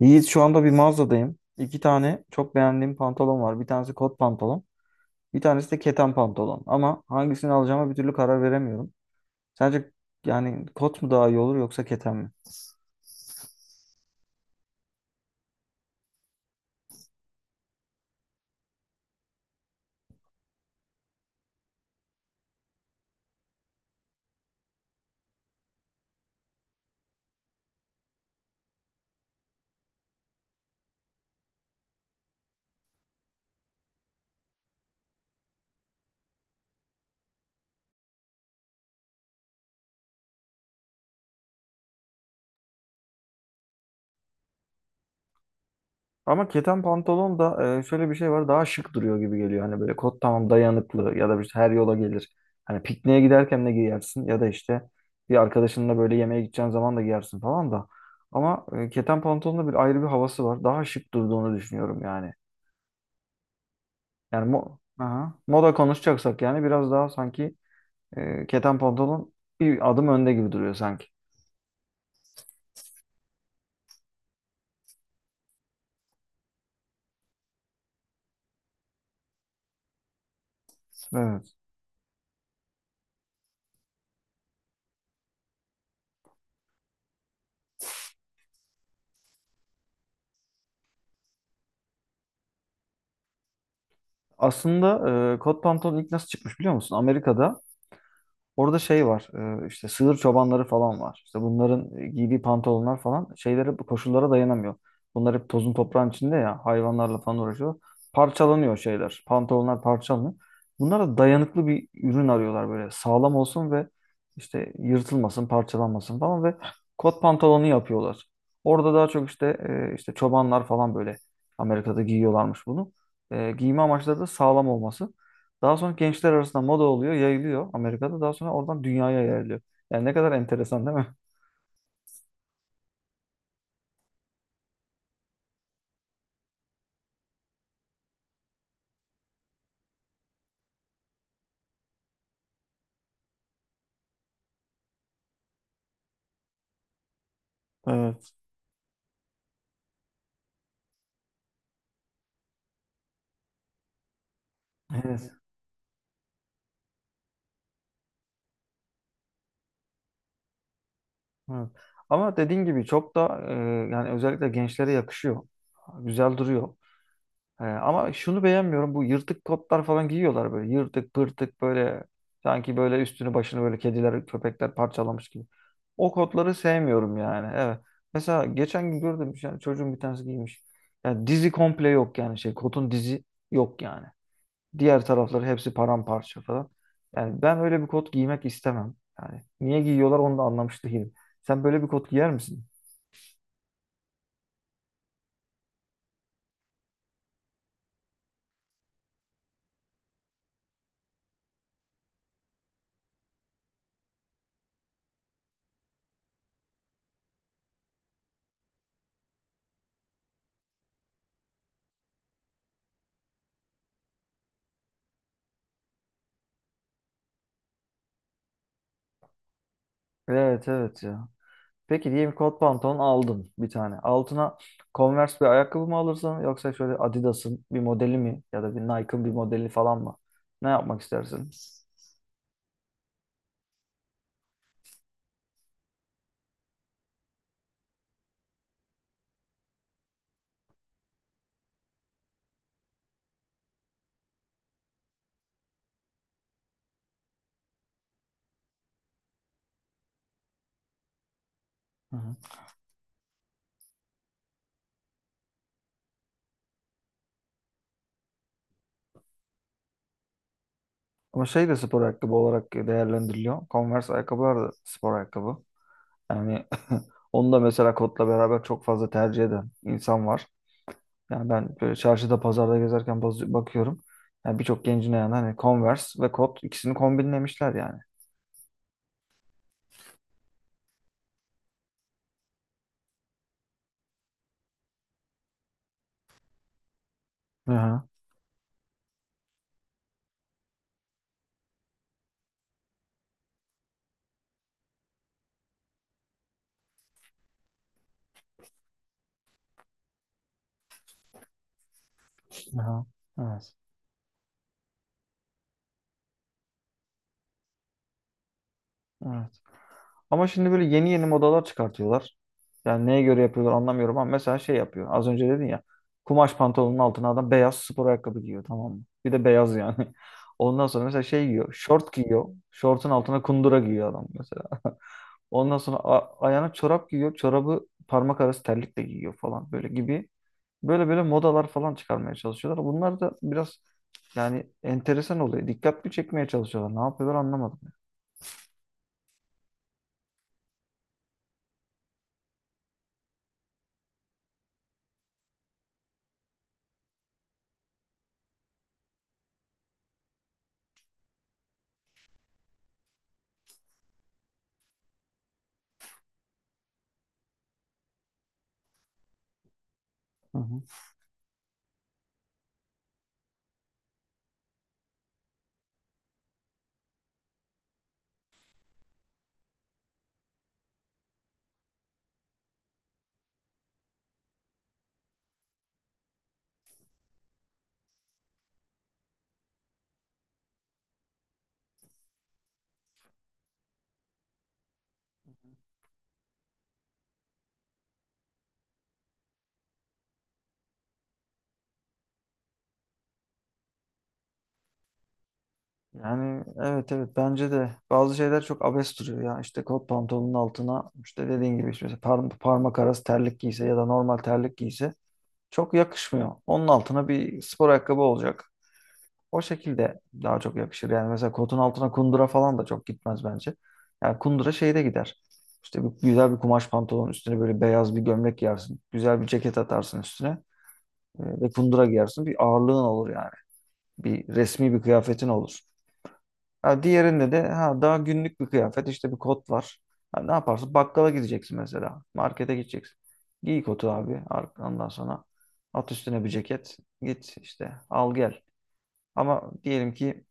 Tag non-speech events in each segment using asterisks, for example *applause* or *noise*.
Yiğit şu anda bir mağazadayım. İki tane çok beğendiğim pantolon var. Bir tanesi kot pantolon. Bir tanesi de keten pantolon. Ama hangisini alacağıma bir türlü karar veremiyorum. Sence yani kot mu daha iyi olur yoksa keten mi? Ama keten pantolon da şöyle bir şey var. Daha şık duruyor gibi geliyor. Hani böyle kot tamam dayanıklı ya da işte her yola gelir. Hani pikniğe giderken de giyersin ya da işte bir arkadaşınla böyle yemeğe gideceğin zaman da giyersin falan da. Ama keten pantolonun da bir ayrı bir havası var. Daha şık durduğunu düşünüyorum yani. Yani mo Aha. Moda konuşacaksak yani biraz daha sanki keten pantolon bir adım önde gibi duruyor sanki. Evet. Aslında kot pantolon ilk nasıl çıkmış biliyor musun? Amerika'da. Orada şey var, işte sığır çobanları falan var. İşte bunların giydiği pantolonlar falan şeylere koşullara dayanamıyor. Bunlar hep tozun toprağın içinde ya hayvanlarla falan uğraşıyor. Parçalanıyor şeyler. Pantolonlar parçalanıyor. Bunlara da dayanıklı bir ürün arıyorlar, böyle sağlam olsun ve işte yırtılmasın, parçalanmasın falan ve kot pantolonu yapıyorlar. Orada daha çok işte işte çobanlar falan böyle Amerika'da giyiyorlarmış bunu. Giyme amaçları da sağlam olması. Daha sonra gençler arasında moda oluyor, yayılıyor Amerika'da. Daha sonra oradan dünyaya yayılıyor. Yani ne kadar enteresan değil mi? Evet. Evet. Evet. Ama dediğin gibi çok da yani özellikle gençlere yakışıyor. Güzel duruyor. Ama şunu beğenmiyorum. Bu yırtık kotlar falan giyiyorlar böyle. Yırtık pırtık böyle sanki böyle üstünü başını böyle kediler, köpekler parçalamış gibi. O kotları sevmiyorum yani. Evet. Mesela geçen gün gördüm, yani çocuğun bir tanesi giymiş. Yani dizi komple yok yani şey, kotun dizi yok yani. Diğer tarafları hepsi paramparça falan. Yani ben öyle bir kot giymek istemem. Yani niye giyiyorlar onu da anlamış değilim. Sen böyle bir kot giyer misin? Evet, evet ya. Peki diyelim kot pantolon aldın bir tane. Altına Converse bir ayakkabı mı alırsın yoksa şöyle Adidas'ın bir modeli mi ya da bir Nike'ın bir modeli falan mı? Ne yapmak istersin? Hı hı. Ama şey de spor ayakkabı olarak değerlendiriliyor. Converse ayakkabılar da spor ayakkabı. Yani *laughs* onu da mesela kotla beraber çok fazla tercih eden insan var. Yani ben böyle çarşıda pazarda gezerken bakıyorum. Yani birçok gencin ayağında hani Converse ve kot ikisini kombinlemişler yani. Aha, aha, evet, evet. Ama şimdi böyle yeni yeni modalar çıkartıyorlar. Yani neye göre yapıyorlar anlamıyorum ama mesela şey yapıyor. Az önce dedin ya, kumaş pantolonun altına adam beyaz spor ayakkabı giyiyor, tamam mı? Bir de beyaz yani. *laughs* Ondan sonra mesela şey giyiyor. Şort giyiyor. Şortun altına kundura giyiyor adam mesela. Ondan sonra ayağına çorap giyiyor. Çorabı parmak arası terlikle giyiyor falan böyle gibi. Böyle böyle modalar falan çıkarmaya çalışıyorlar. Bunlar da biraz yani enteresan oluyor. Dikkatli çekmeye çalışıyorlar. Ne yapıyorlar anlamadım. Hı hı. Yani evet, evet bence de bazı şeyler çok abes duruyor ya. İşte kot pantolonun altına işte dediğin gibi işte mesela parmak arası terlik giyse ya da normal terlik giyse çok yakışmıyor. Onun altına bir spor ayakkabı olacak. O şekilde daha çok yakışır. Yani mesela kotun altına kundura falan da çok gitmez bence. Yani kundura şeyde gider. İşte bir, güzel bir kumaş pantolon üstüne böyle beyaz bir gömlek giyersin. Güzel bir ceket atarsın üstüne. Ve kundura giyersin. Bir ağırlığın olur yani. Bir resmi bir kıyafetin olur. Ha, diğerinde de ha, daha günlük bir kıyafet, işte bir kot var. Ha, ne yaparsın? Bakkala gideceksin mesela. Markete gideceksin. Giy kotu abi. Ondan sonra at üstüne bir ceket. Git işte al gel. Ama diyelim ki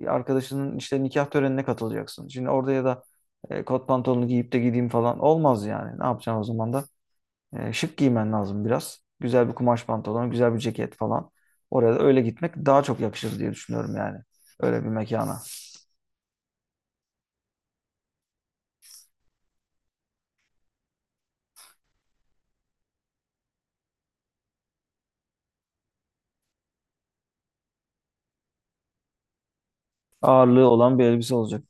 bir arkadaşının işte nikah törenine katılacaksın. Şimdi orada ya da kot pantolonu giyip de gideyim falan olmaz yani. Ne yapacaksın o zaman da? Şık giymen lazım biraz. Güzel bir kumaş pantolon, güzel bir ceket falan. Oraya da öyle gitmek daha çok yakışır diye düşünüyorum yani. Öyle bir mekana. Ağırlığı olan bir elbise olacak.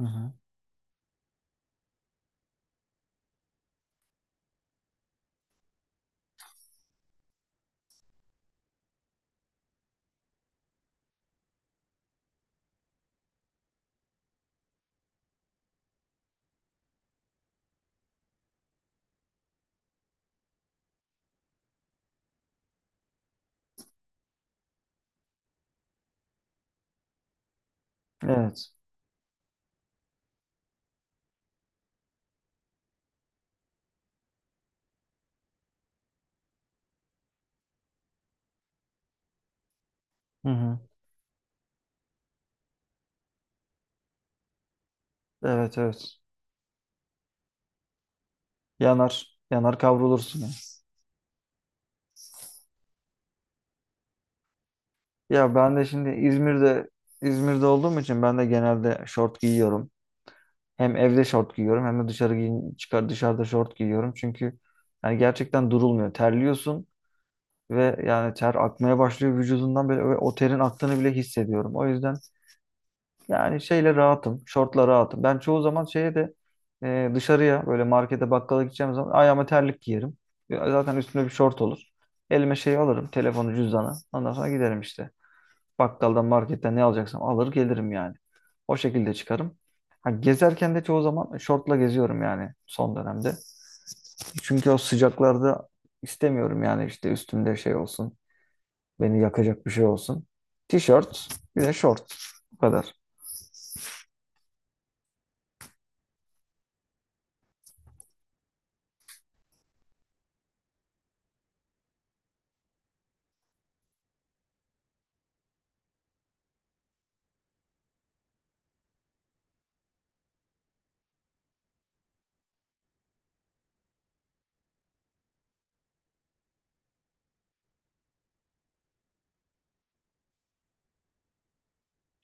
Hı hı. Evet. Hı hı. Evet, evet. Yanar. Yanar kavrulursun yani. Ya ben de şimdi İzmir'de, İzmir'de olduğum için ben de genelde şort giyiyorum. Hem evde şort giyiyorum hem de dışarı giyin, çıkar, dışarıda şort giyiyorum. Çünkü yani gerçekten durulmuyor. Terliyorsun ve yani ter akmaya başlıyor vücudundan böyle ve o terin aktığını bile hissediyorum. O yüzden yani şeyle rahatım, şortla rahatım. Ben çoğu zaman şeye de dışarıya böyle markete bakkala gideceğim zaman ayağıma terlik giyerim. Ya zaten üstümde bir şort olur. Elime şey alırım, telefonu, cüzdanı. Ondan sonra giderim işte. Bakkaldan, marketten ne alacaksam alır gelirim yani. O şekilde çıkarım. Ha, gezerken de çoğu zaman şortla geziyorum yani son dönemde. Çünkü o sıcaklarda istemiyorum yani işte üstümde şey olsun. Beni yakacak bir şey olsun. Tişört, bir de şort. Bu kadar.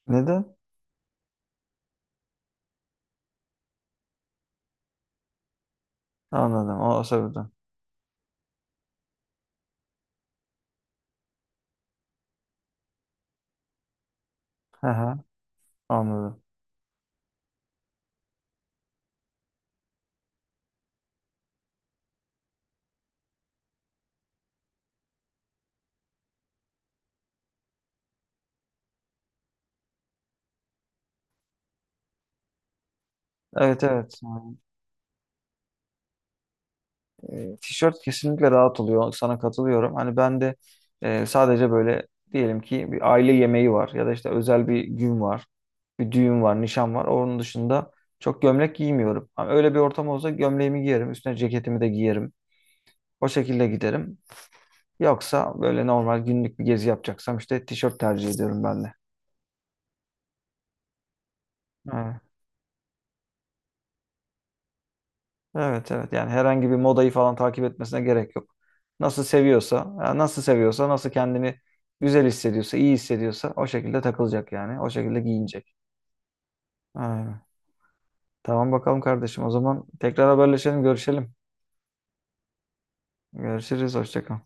Neden? Anladım. O sebepten. Hı hı, anladım. Evet, evet. Tişört kesinlikle rahat oluyor. Sana katılıyorum. Hani ben de sadece böyle diyelim ki bir aile yemeği var ya da işte özel bir gün var. Bir düğün var, nişan var. Onun dışında çok gömlek giymiyorum. Ama öyle bir ortam olsa gömleğimi giyerim, üstüne ceketimi de giyerim. O şekilde giderim. Yoksa böyle normal günlük bir gezi yapacaksam işte tişört tercih ediyorum ben de. Evet. Evet, evet yani herhangi bir modayı falan takip etmesine gerek yok. Nasıl seviyorsa, yani nasıl seviyorsa, nasıl kendini güzel hissediyorsa, iyi hissediyorsa o şekilde takılacak yani. O şekilde giyinecek. Aynen. Tamam bakalım kardeşim. O zaman tekrar haberleşelim, görüşelim. Görüşürüz, hoşça kal.